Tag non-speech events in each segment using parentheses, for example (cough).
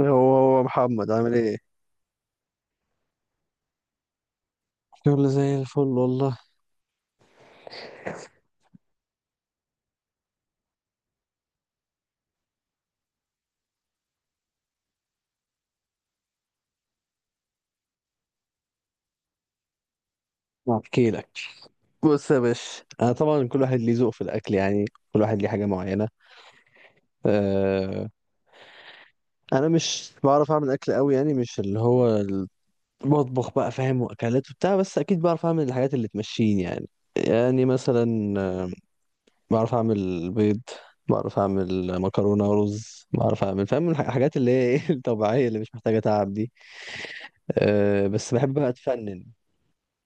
هو هو محمد عامل ايه؟ شغل زي الفل والله. احكي لك، بص يا باشا، انا طبعا كل واحد ليه ذوق في الاكل يعني، كل واحد ليه حاجه معينه. أه، انا مش بعرف اعمل اكل قوي، يعني مش اللي هو المطبخ بقى، فاهم، واكلات وبتاع، بس اكيد بعرف اعمل الحاجات اللي تمشيني يعني. يعني مثلا بعرف اعمل بيض، بعرف اعمل مكرونه ورز، بعرف اعمل، فاهم، الحاجات اللي هي ايه (laughs) الطبيعيه اللي مش محتاجه تعب دي. أه بس بحب بقى اتفنن.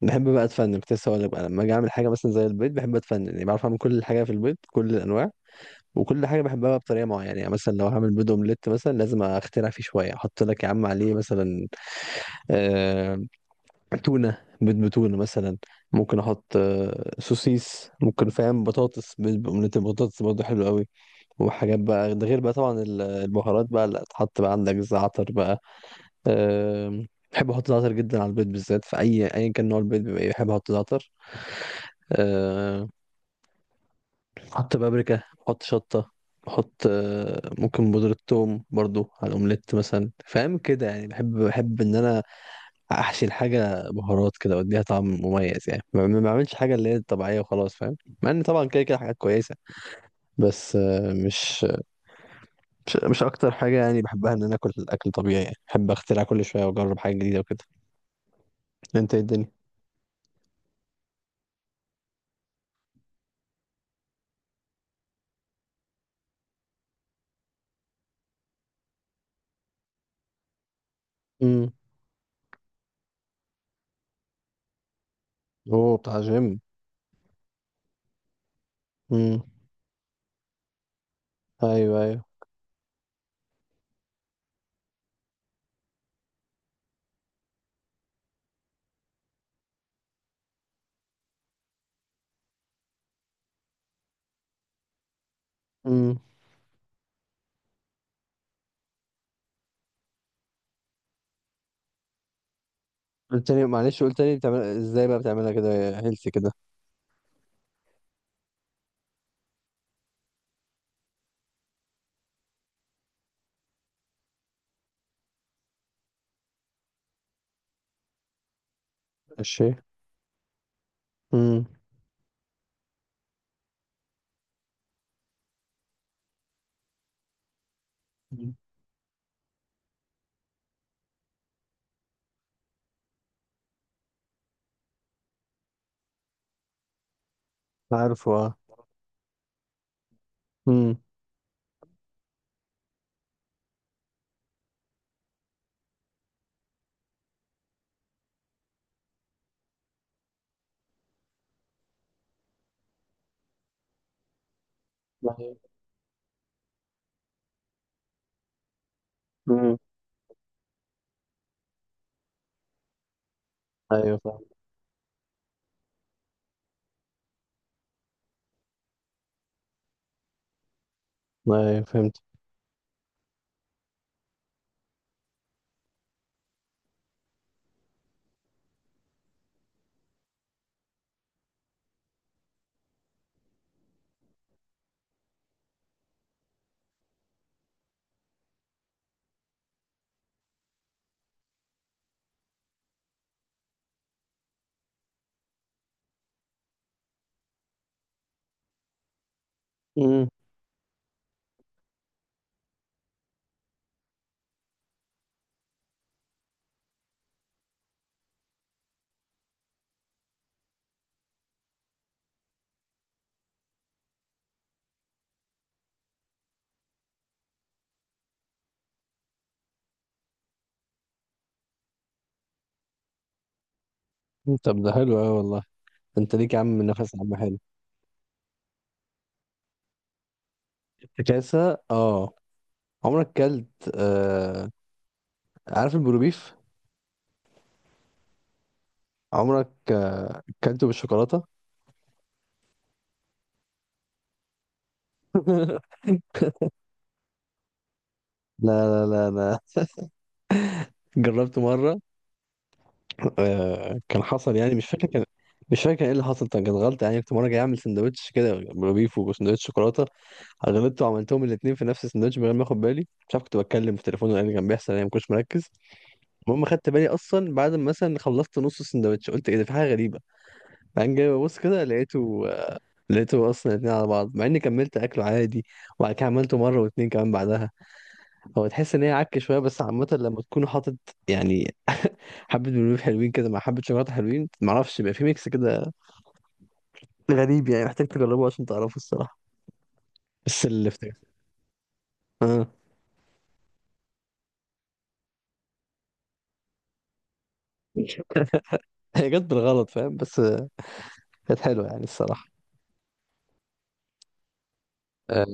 بحب بقى اتفنن، كنت لسه هقول لك بقى، لما اجي اعمل حاجه مثلا زي البيض بحب اتفنن يعني، بعرف اعمل كل حاجه في البيض، كل الانواع. وكل حاجه بحبها بقى بطريقه معينه يعني. مثلا لو هعمل بيض اومليت مثلا، لازم اخترع فيه شويه، احط لك يا عم عليه مثلا آه... تونه، بيض بتونه مثلا. ممكن احط سوسيس، ممكن، فاهم، بطاطس، بيض باومليت البطاطس برضه حلو قوي. وحاجات بقى، ده غير بقى طبعا البهارات بقى اللي تحط، بقى عندك زعتر بقى. آه... بحب احط زعتر جدا على البيض بالذات، في اي ايا كان نوع البيض بيبقى بحب احط زعتر. بحط بابريكا، بحط شطة، بحط ممكن بودرة ثوم برضو على الأومليت مثلا، فاهم كده يعني. بحب إن أنا أحشي الحاجة بهارات كده وأديها طعم مميز يعني، ما بعملش حاجة اللي هي طبيعية وخلاص، فاهم. مع إن طبعا كده كده حاجات كويسة، بس مش أكتر حاجة يعني بحبها إن أنا آكل أكل طبيعي، يعني بحب أخترع كل شوية وأجرب حاجة جديدة وكده. أنت إيه الدنيا؟ امم، أوه، بتاع جيم. امم. أيوه أيوه. امم. قلت لي، معلش قلت لي بتعمل إزاي بقى، بتعملها كده هيلثي كده؟ ماشي. امم. مم. عارفه، اه. امم. ايوه. مم. أيوة، فاهم. ايوه، فهمت. امم. طب ده حلو قوي والله. انت ليك يا عم نفس يا عم حلو. افتكاسة، اه. عمرك كلت عارف البروبيف؟ عمرك كلته بالشوكولاتة؟ (laughs) لا لا لا لا. (laughs) جربت مرة كان حصل يعني، مش فاكر كان ايه اللي حصل، كان غلط يعني. كنت مرة جاي اعمل سندوتش كده بروبيف وسندوتش شوكولاتة، غلطت وعملتهم الاثنين في نفس السندوتش من غير ما اخد بالي، مش عارف كنت بتكلم في تليفون ولا إيه اللي كان بيحصل يعني، ما كنتش مركز. المهم خدت بالي اصلا بعد ما مثلا خلصت نص السندوتش، قلت ايه ده، في حاجه غريبه. بعدين جاي ببص كده، لقيته اصلا الاثنين على بعض، مع اني كملت اكله عادي. وبعد كده عملته مره واثنين كمان بعدها. هو تحس ان هي عك شويه، بس عامه لما تكون حاطط يعني حبه بلوبيف حلوين كده مع حبه شوكولاته حلوين، معرفش، بيبقى في ميكس كده غريب يعني، محتاج تجربه عشان تعرفه الصراحه. بس اللي افتكر، اه، (laughs) هي جت بالغلط، فاهم، بس كانت حلوة يعني الصراحة. اه.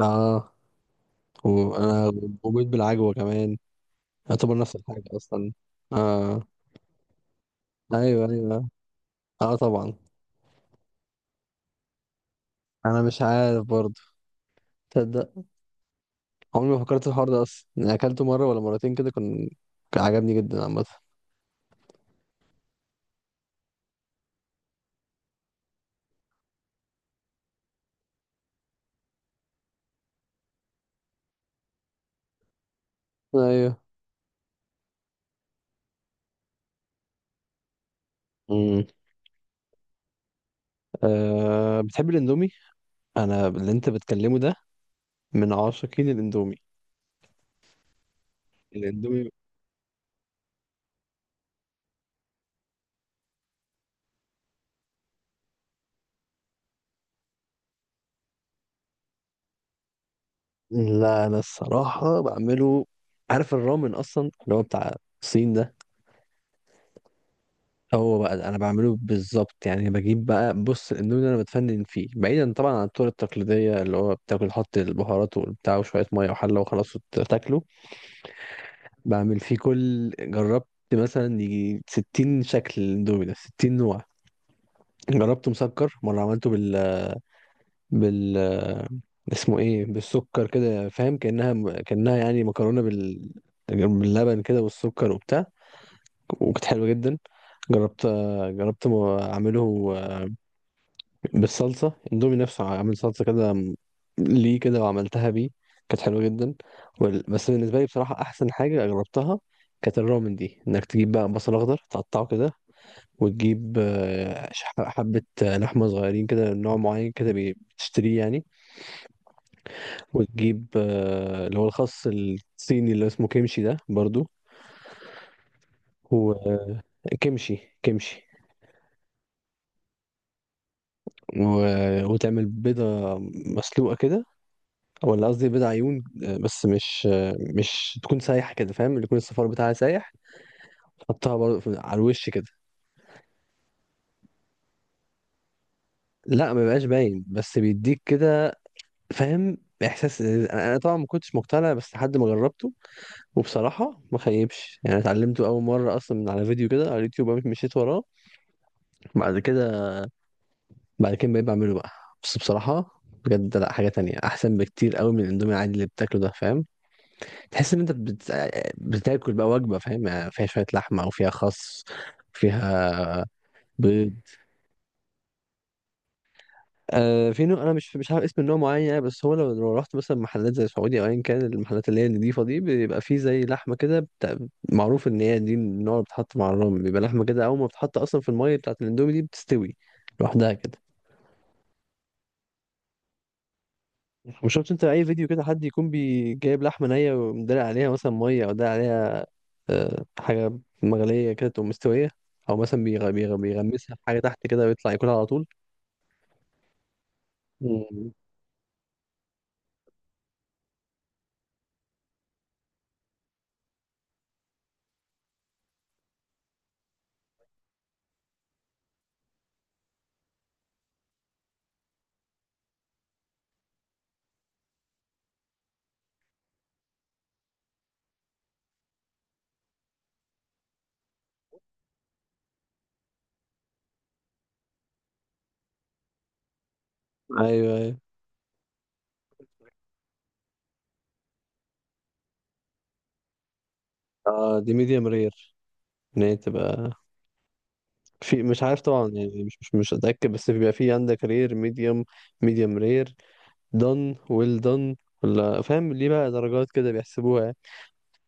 آه. وانا وبيت بالعجوة كمان. يعتبر نفس الحاجة اصلا. اه. ايوه ايوه. اه طبعا. انا مش عارف برضه، تصدق، عمري ما فكرت في الحوار ده اصلا يعني، اكلته مرة ولا مرتين كده، كان كان عجبني جدا عامة. ايوه. امم. آه، بتحب الاندومي؟ انا اللي انت بتكلمه ده من عاشقين الاندومي. الاندومي. لا انا الصراحة بعمله. عارف الرامن اصلا اللي هو بتاع الصين ده؟ هو بقى ده انا بعمله بالظبط يعني. بجيب بقى، بص، الاندومي اللي انا بتفنن فيه، بعيدا طبعا عن الطرق التقليديه اللي هو بتاكل، حط البهارات وبتاع وشويه ميه وحله وخلاص وتاكله. بعمل فيه كل، جربت مثلا يجي 60 شكل الاندومي ده، 60 نوع. جربته مسكر مره، عملته بال اسمه ايه، بالسكر كده، فاهم، كانها يعني مكرونه باللبن كده والسكر وبتاع، وكانت حلوه جدا. جربت جربت اعمله بالصلصة، اندومي نفسه عامل صلصة كده، ليه كده، وعملتها بيه، كانت حلوة جدا. بس بالنسبة لي بصراحة أحسن حاجة جربتها كانت الرامن دي، إنك تجيب بقى بصل أخضر تقطعه كده، وتجيب حبة لحمة صغيرين كده، نوع معين كده بتشتريه يعني. وتجيب اللي هو الخس الصيني اللي اسمه كيمشي ده برضو، وكيمشي، كيمشي. و... وتعمل بيضة مسلوقة كده، ولا قصدي بيض عيون، بس مش تكون سايحه كده، فاهم، اللي يكون الصفار بتاعها سايح. تحطها برضه على الوش كده. لا، ما بيبقاش باين، بس بيديك كده، فاهم، احساس. أنا طبعا ما كنتش مقتنع بس لحد ما جربته، وبصراحه ما خيبش يعني. اتعلمته اول مره اصلا من على فيديو كده على اليوتيوب، قمت مشيت وراه. بعد كده، بقيت بعمله بقى. بس بصراحه بجد، لا حاجه تانية احسن بكتير قوي من الاندومي العادي اللي بتاكله ده، فاهم. تحس ان انت بتاكل بقى وجبه، فاهم، يعني فيها شويه لحمه او فيها خس، فيها بيض. آه في نوع، انا مش عارف اسم النوع معين يعني، بس هو لو رحت مثلا محلات زي سعودي او ايا كان المحلات اللي هي النضيفه دي، بيبقى فيه زي لحمه كده معروف ان هي دي النوع اللي بتتحط مع الرام، بيبقى لحمه كده اول ما بتتحط اصلا في الميه بتاعت الاندومي دي، بتستوي لوحدها كده. وشفت انت اي فيديو كده، حد يكون جايب لحمه نيه ومدلق عليها مثلا ميه او دلق عليها حاجه مغليه كده، تقوم مستويه. او مثلا بيغمسها في حاجه تحت كده ويطلع ياكلها على طول. مم. ايوه ايوه. اه، دي ميديم رير. ان هي تبقى في، مش عارف طبعا يعني، مش اتاكد، بس بيبقى في عندك رير، ميديوم، ميديوم رير، دون، ويل دون، ولا، فاهم، ليه بقى درجات كده بيحسبوها يعني.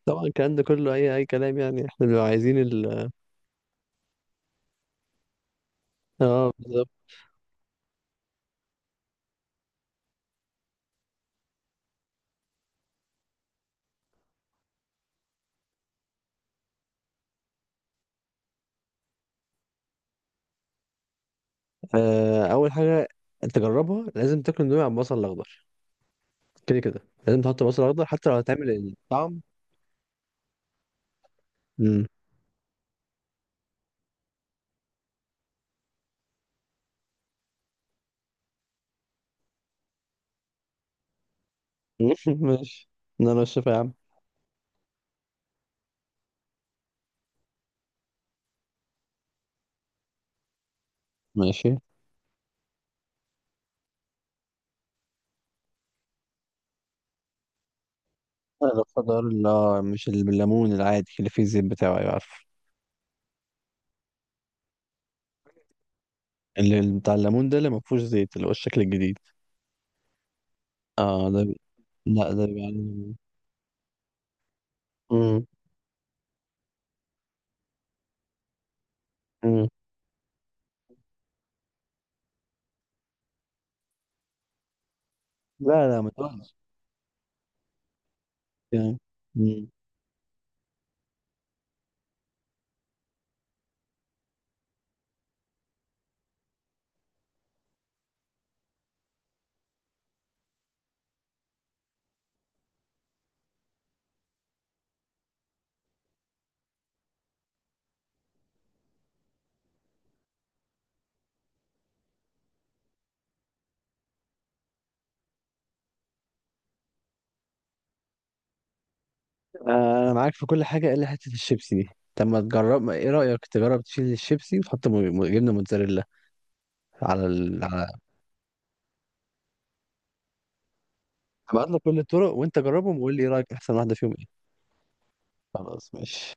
طبعا الكلام ده كله اي كلام يعني، احنا بنبقى عايزين ال، اه. اول حاجه انت جربها، لازم تاكل اندومي على البصل الاخضر. كده كده لازم تحط بصل اخضر حتى لو هتعمل الطعم. مم. (laughs) ماشي. انا لو الشفا يا عم. ماشي. انا بفضل، لا، مش ال- بالليمون العادي اللي فيه الزيت بتاعه. أيوة، عارفه. اللي بتاع الليمون ده اللي ما فيهوش زيت اللي هو الشكل الجديد. اه لا ده يعني. امم. امم. لا لا، ما تقولش يعني. مم. آه، انا معاك في كل حاجه الا حته الشيبسي دي. طب ما تجرب، ما ايه رايك تجرب تشيل الشيبسي وتحط جبنه موتزاريلا على على، ابعت لك كل الطرق وانت جربهم وقول لي ايه رايك احسن واحده فيهم ايه. خلاص ماشي.